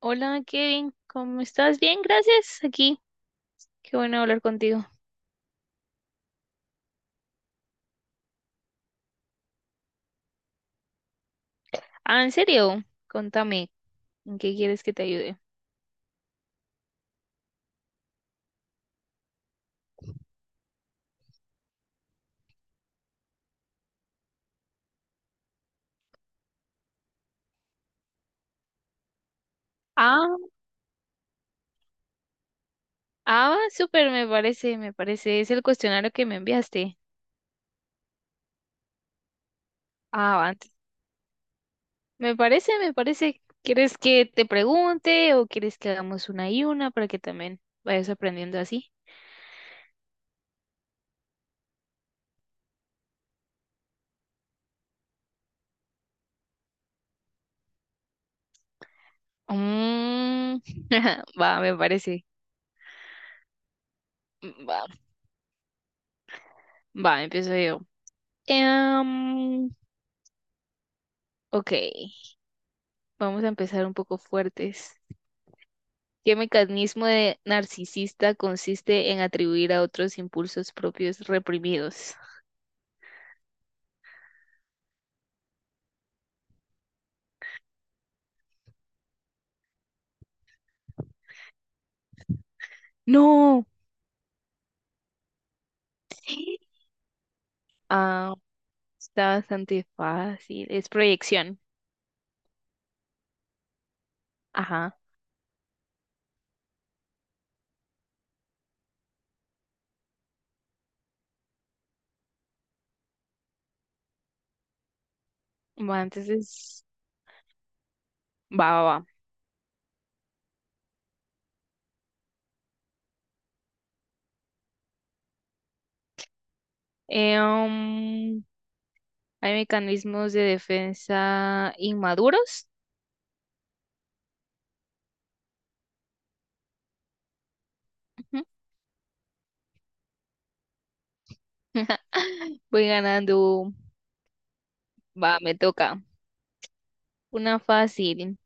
Hola Kevin, ¿cómo estás? Bien, gracias. Aquí, qué bueno hablar contigo. Ah, en serio, contame, ¿en qué quieres que te ayude? Ah, va, súper, me parece. Es el cuestionario que me enviaste. Ah, antes. Me parece. ¿Quieres que te pregunte o quieres que hagamos una y una para que también vayas aprendiendo así? Mm, va, me parece. Mm, va, empiezo yo. Em, ok, vamos a empezar un poco fuertes. ¿Qué mecanismo de narcisista consiste en atribuir a otros impulsos propios reprimidos? No. Ah, está bastante fácil. Es proyección. Ajá. Va, entonces, va. Eh, um, hay mecanismos de defensa inmaduros. Ujú. Voy ganando. Va, me toca. Una fácil.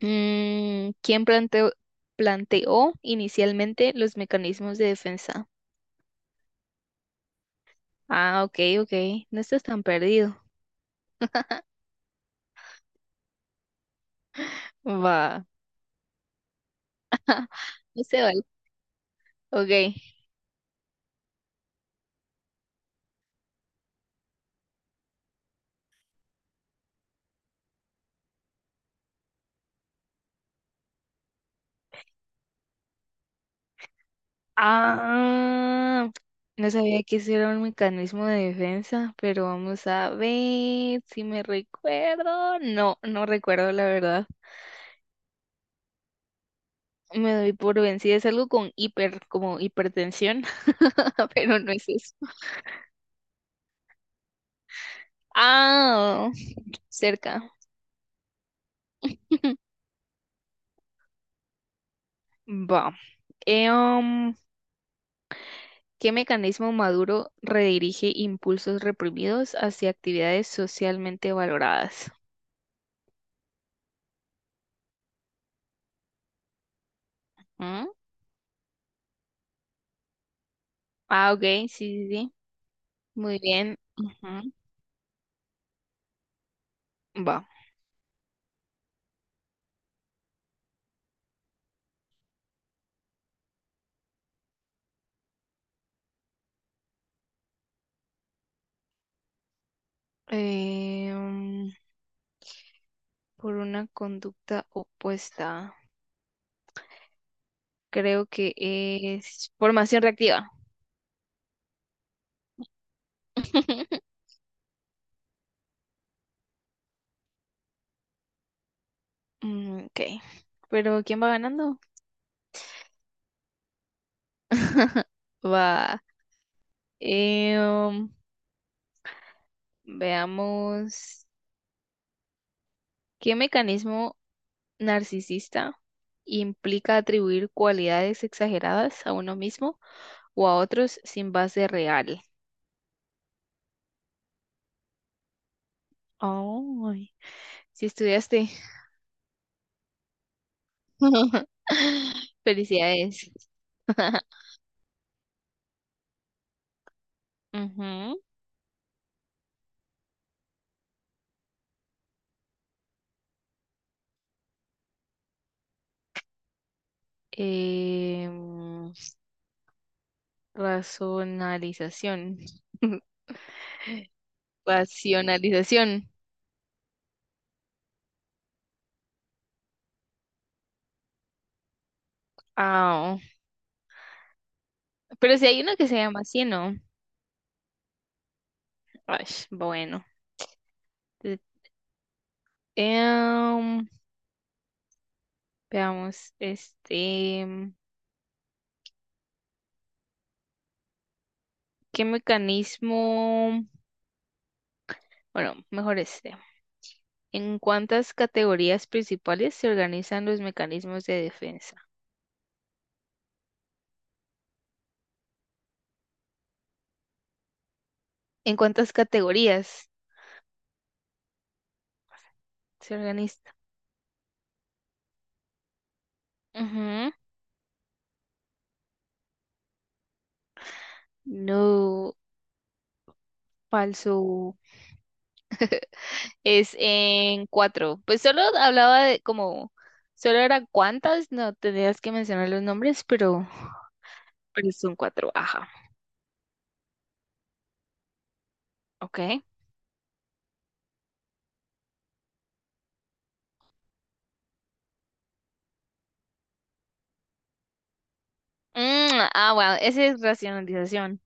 Mm, ¿planteó inicialmente los mecanismos de defensa? Ah, ok, ok. No estás tan perdido. Va. No se vale. Ok. Ah, no sabía que ese era un mecanismo de defensa, pero vamos a ver si me recuerdo. No, no recuerdo la verdad. Me doy por vencida. Es algo con hiper, como hipertensión, pero no es eso. Ah, cerca. Va. Em, ¿Qué mecanismo maduro redirige impulsos reprimidos hacia actividades socialmente valoradas? ¿Mm? Ah, ok, sí, sí, sí. Muy bien, ujú. Va. Eh, mm, por una conducta opuesta. Creo que es formación reactiva. Mm, ok. Pero ¿quién va ganando? Va. Eh, um, veamos. ¿Qué mecanismo narcisista implica atribuir cualidades exageradas a uno mismo o a otros sin base real? Ay, si estudiaste. Felicidades. Ujú. Em, razonalización. Racionalización. Ah, pero si hay uno que se llama así, ¿no? Ay, bueno. Te- em, veamos, este, ¿qué mecanismo? Bueno, mejor este. ¿En cuántas categorías principales se organizan los mecanismos de defensa? ¿En cuántas categorías se organiza? Ujú. No, falso. Es en cuatro. Pues solo hablaba de como, solo era cuántas, no tenías que mencionar los nombres, pero son cuatro. Ajá, ok. Mm, ah, bueno, esa es racionalización.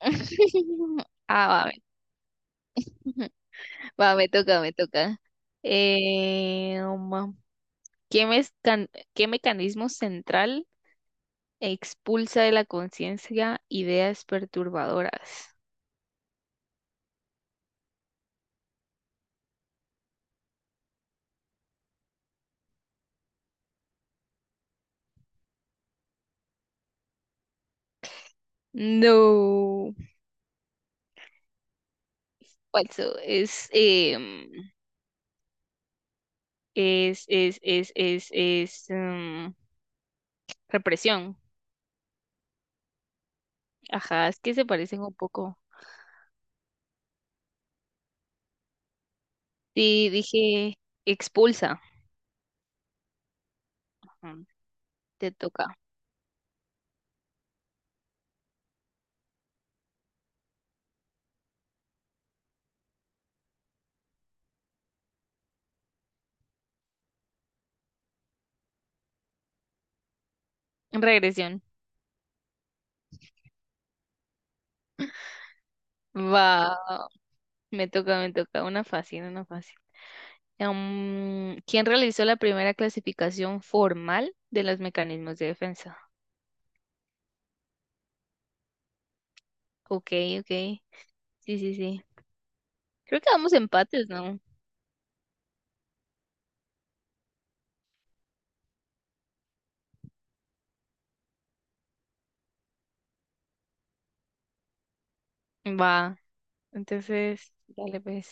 Ah, va, a ver. Va, me toca. Eh, um, ¿Qué mezcan- qué mecanismo central expulsa de la conciencia ideas perturbadoras? No, falso. Em, es, em, represión. Ajá, es que se parecen un poco. Sí, dije expulsa. Ujú, te toca. Regresión. Va, me toca. Una fácil, una fácil. ¿Quién realizó la primera clasificación formal de los mecanismos de defensa? Ok, ok. Sí, sí, sí. Creo que vamos empates, ¿no? Va. Entonces, dale pues.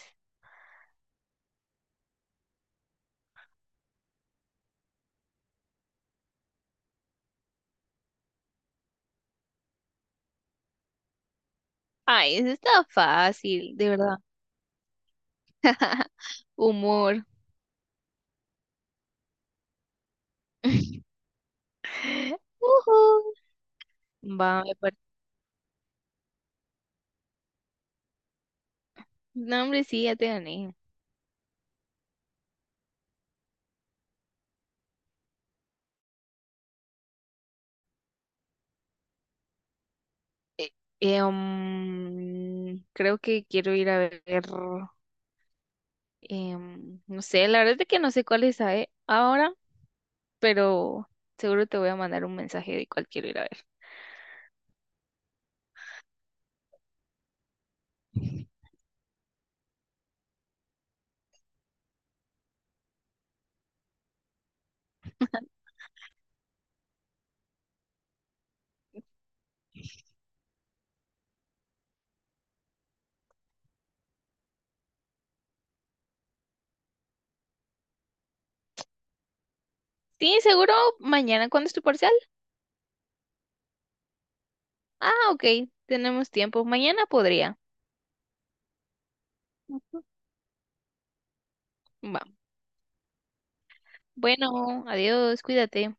Ay, eso está fácil, de verdad. Humor. Ujú. Va, me par- No, hombre, sí, ya te gané. Eh, creo que quiero ir a ver, no sé, la verdad es de que no sé cuál es a- ahora, pero seguro te voy a mandar un mensaje de cuál quiero ir a ver. Sí, seguro mañana cuando es tu parcial. Ah, ok, tenemos tiempo. Mañana podría. Ujú. Va. Bueno, adiós, cuídate.